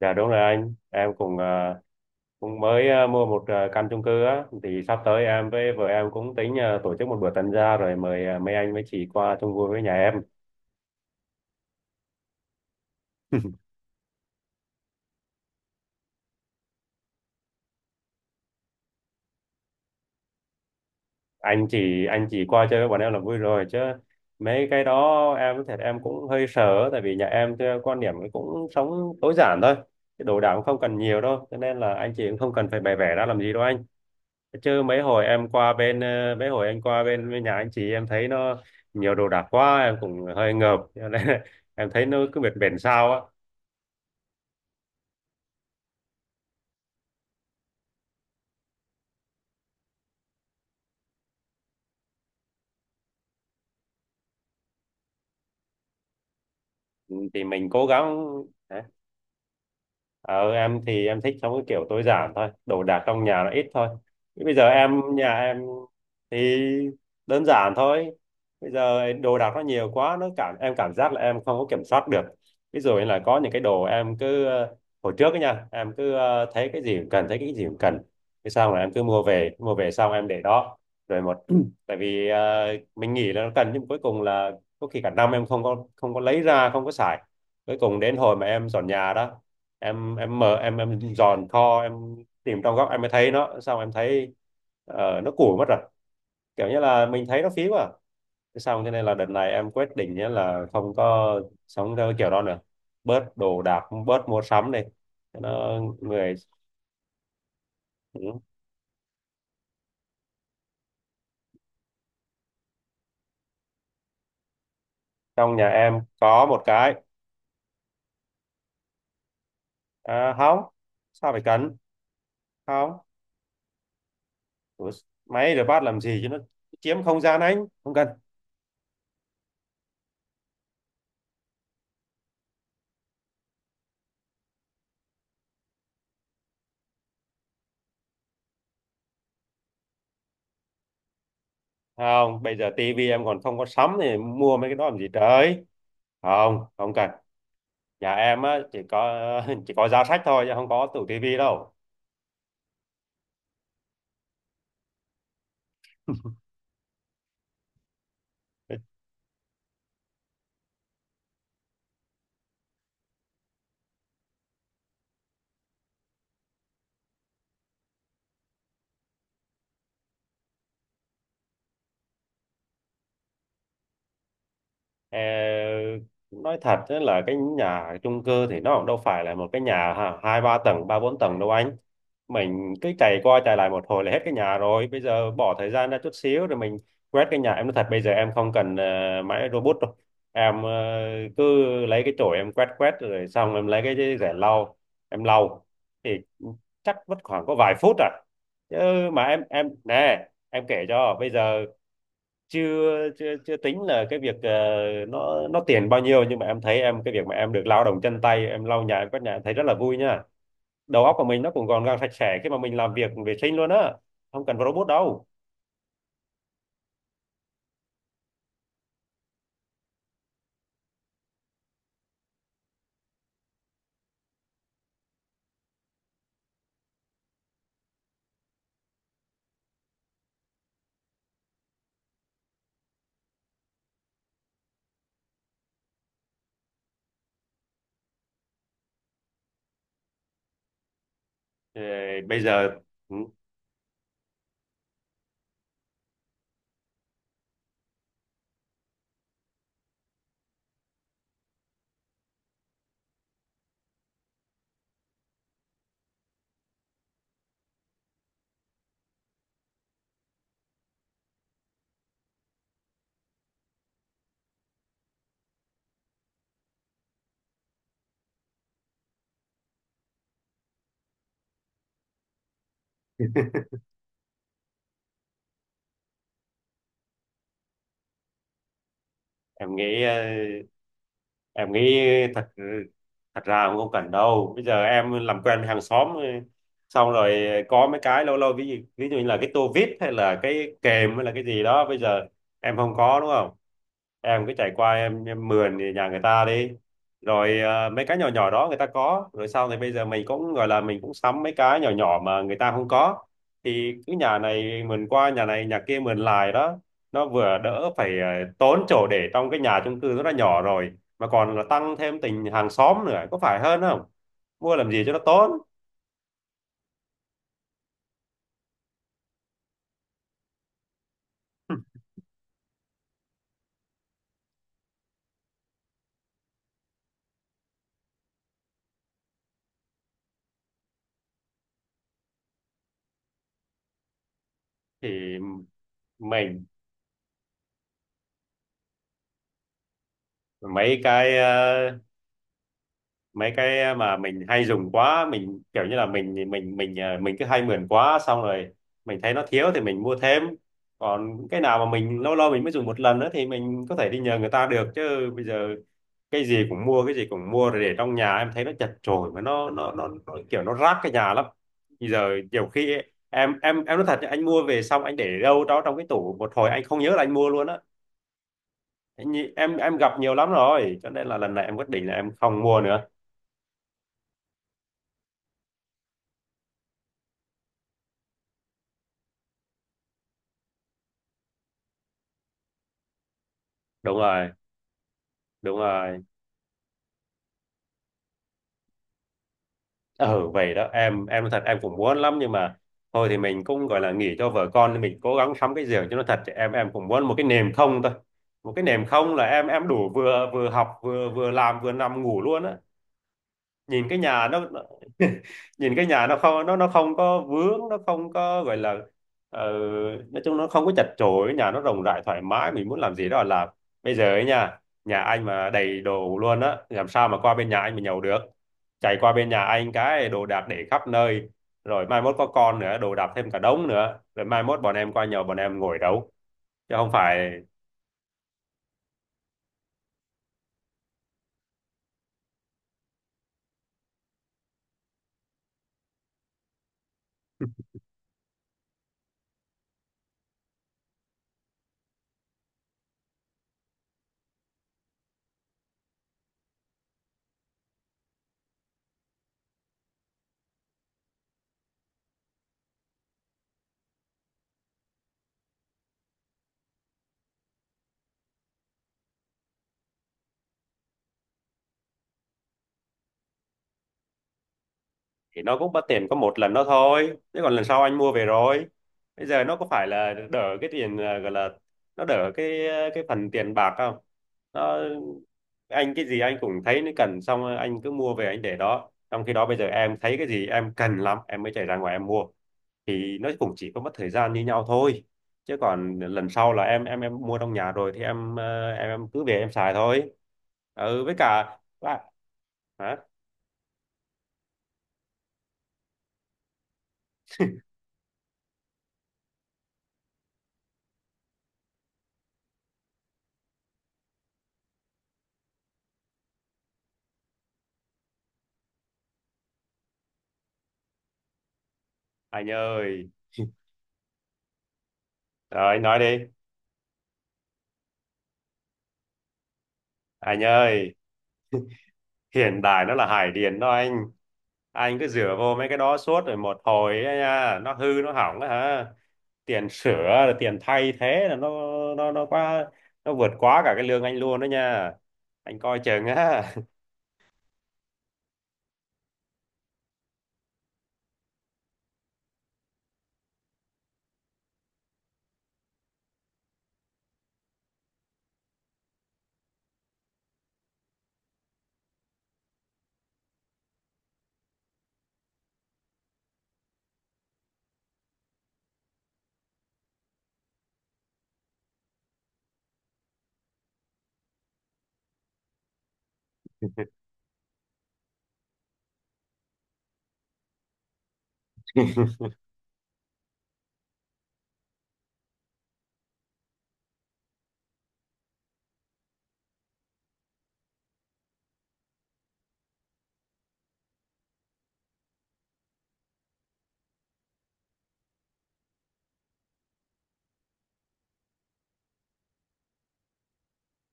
Dạ đúng rồi anh, em cũng cũng mới mua một căn chung cư á, thì sắp tới em với vợ em cũng tính tổ chức một bữa tân gia rồi mời mấy anh mấy chị qua chung vui với nhà em. Anh chỉ qua chơi với bọn em là vui rồi, chứ mấy cái đó em thật em cũng hơi sợ, tại vì nhà em theo quan điểm ấy cũng sống tối giản thôi, cái đồ đạc cũng không cần nhiều đâu, cho nên là anh chị cũng không cần phải bày vẽ ra làm gì đâu anh. Chứ mấy hồi anh qua bên nhà anh chị, em thấy nó nhiều đồ đạc quá em cũng hơi ngợp, cho nên em thấy nó cứ bệt bệt sao á. Ừ, thì mình cố gắng. Ờ, em thì em thích sống cái kiểu tối giản thôi, đồ đạc trong nhà nó ít thôi. Thế bây giờ nhà em thì đơn giản thôi. Bây giờ đồ đạc nó nhiều quá, nó cảm em cảm giác là em không có kiểm soát được. Ví dụ như là có những cái đồ em cứ hồi trước ấy nha, em cứ thấy cái gì cũng cần. Thế xong là em cứ mua về xong em để đó. Rồi một tại vì mình nghĩ là nó cần, nhưng cuối cùng là có khi cả năm em không có lấy ra, không có xài. Cuối cùng đến hồi mà em dọn nhà đó, em mở, em dòn kho, em tìm trong góc em mới thấy nó, xong em thấy nó củi mất rồi, kiểu như là mình thấy nó phí quá à. Thế nên là đợt này em quyết định nhá là không có sống theo cái kiểu đó nữa, bớt đồ đạc, bớt mua sắm đi, cho nó người. Ừ. Trong nhà em có một cái. À, không, sao phải cần? Không. Ủa, máy rửa bát làm gì chứ, nó chiếm không gian, anh không cần. Không, bây giờ tivi em còn không có sắm thì mua mấy cái đó làm gì trời. Không, không cần. Nhà em á chỉ có chỉ có giá sách thôi chứ không có tủ tivi đâu. Ờ, nói thật á, là cái nhà chung cư thì nó cũng đâu phải là một cái nhà ha, hai ba tầng, ba bốn tầng đâu anh. Mình cứ chạy qua chạy lại một hồi là hết cái nhà rồi. Bây giờ bỏ thời gian ra chút xíu rồi mình quét cái nhà, em nói thật, bây giờ em không cần máy robot đâu. Em cứ lấy cái chổi em quét quét, rồi xong em lấy cái rẻ lau, em lau, thì chắc mất khoảng có vài phút à. Chứ mà em nè, em kể cho, bây giờ chưa chưa chưa tính là cái việc nó tiền bao nhiêu, nhưng mà em thấy em cái việc mà em được lao động chân tay, em lau nhà em quét nhà, em thấy rất là vui nha. Đầu óc của mình nó cũng gọn gàng sạch sẽ khi mà mình làm việc vệ sinh luôn á. Không cần robot đâu. Ờ, Bây giờ ừ, em nghĩ ờ, em nghĩ thật thật ra cũng không cần đâu, bây giờ em làm quen với hàng xóm xong rồi có mấy cái lâu lâu, ví dụ như là cái tô vít hay là cái kềm hay là cái gì đó, bây giờ em không có đúng không, em cứ chạy qua em mườn nhà người ta đi. Rồi mấy cái nhỏ nhỏ đó người ta có rồi, sau thì bây giờ mình cũng gọi là mình cũng sắm mấy cái nhỏ nhỏ mà người ta không có, thì cứ nhà này mườn qua nhà này nhà kia mườn lại đó. Nó vừa đỡ phải tốn chỗ để trong cái nhà chung cư rất là nhỏ rồi, mà còn là tăng thêm tình hàng xóm nữa, có phải hơn không? Mua làm gì cho nó tốn. Thì mình mấy cái ờ, mấy cái mà mình hay dùng quá, mình kiểu như là mình cứ hay mượn quá xong rồi mình thấy nó thiếu thì mình mua thêm. Còn cái nào mà mình lâu lâu mình mới dùng một lần nữa thì mình có thể đi nhờ người ta được, chứ bây giờ cái gì cũng mua, cái gì cũng mua rồi để trong nhà em thấy nó chật chội, mà nó kiểu nó rác cái nhà lắm. Bây giờ nhiều khi ấy, em nói thật nhá, anh mua về xong anh để đâu đó trong cái tủ một hồi anh không nhớ là anh mua luôn á. Anh nhị- em gặp nhiều lắm rồi, cho nên là lần này em quyết định là em không mua nữa. Đúng rồi, đúng rồi. Ừ, vậy đó, em thật em cũng muốn lắm, nhưng mà thôi thì mình cũng gọi là nghỉ cho vợ con nên mình cố gắng sắm cái giường cho nó thật, chứ em cũng muốn một cái nệm không thôi. Một cái nệm không là em đủ, vừa vừa học vừa vừa làm vừa nằm ngủ luôn á. Nhìn cái nhà nó nhìn cái nhà nó không, nó không có vướng, nó không có gọi là ờ, nói chung nó không có chật chội, nhà nó rộng rãi thoải mái, mình muốn làm gì đó là làm. Bây giờ ấy nha, nhà anh mà đầy đồ luôn á, làm sao mà qua bên nhà anh mà nhậu được. Chạy qua bên nhà anh cái đồ đạc để khắp nơi, rồi mai mốt có con nữa đồ đạc thêm cả đống nữa, rồi mai mốt bọn em qua nhậu bọn em ngồi đâu, chứ không phải. Thì nó cũng mất tiền có một lần đó thôi, chứ còn lần sau anh mua về rồi. Bây giờ nó có phải là đỡ cái tiền à, gọi là nó đỡ cái phần tiền bạc không? nó anh cái gì anh cũng thấy nó cần, xong rồi anh cứ mua về anh để đó, trong khi đó bây giờ em thấy cái gì em cần lắm em mới chạy ra ngoài em mua. Thì nó cũng chỉ có mất thời gian như nhau thôi, chứ còn lần sau là em mua trong nhà rồi thì em cứ về em xài thôi. Ừ, với cả hả? Anh ơi, rồi anh nói đi. Anh ơi, hiện đại nó là hải điền đó anh. Anh cứ rửa vô mấy cái đó suốt rồi một hồi ấy nha, nó hư nó hỏng á hả? Tiền sửa rồi tiền thay thế là nó quá, nó vượt quá cả cái lương anh luôn đó nha. Anh coi chừng á.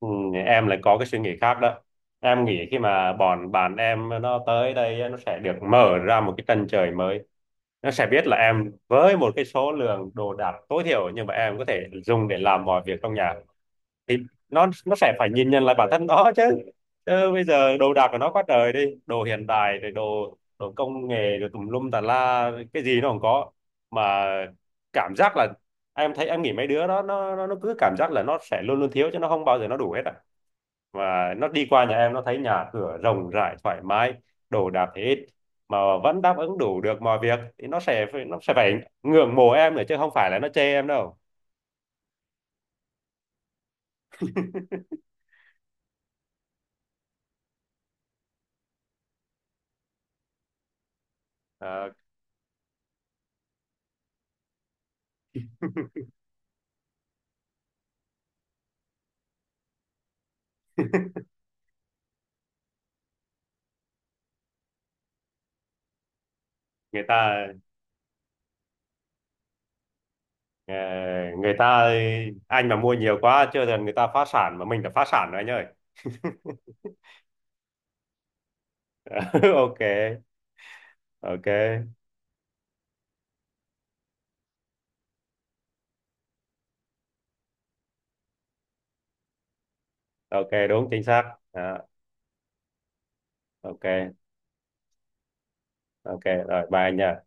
Ừ, em lại có cái suy nghĩ khác đó. Em nghĩ khi mà bọn bạn em nó tới đây á, nó sẽ được mở ra một cái chân trời mới. Nó sẽ biết là em với một cái số lượng đồ đạc tối thiểu nhưng mà em có thể dùng để làm mọi việc trong nhà, thì nó sẽ phải nhìn nhận lại bản thân nó chứ. Chứ bây giờ đồ đạc của nó quá trời đi, đồ hiện đại rồi đồ đồ công nghệ rồi tùm lum tà la, cái gì nó không có mà cảm giác là em thấy em nghĩ mấy đứa đó nó cứ cảm giác là nó sẽ luôn luôn thiếu chứ nó không bao giờ nó đủ hết à. Và nó đi qua nhà em nó thấy nhà cửa rộng rãi thoải mái, đồ đạc thì ít mà vẫn đáp ứng đủ được mọi việc, thì nó sẽ phải ngưỡng mộ em nữa chứ không phải là nó chê em đâu. Ờ, người ta Ờ, người ta anh mà mua nhiều quá chưa dần người ta phá sản mà mình đã phá sản rồi anh ơi. OK, OK, OK, đúng chính xác. Đó, OK, OK, rồi bye anh nhá.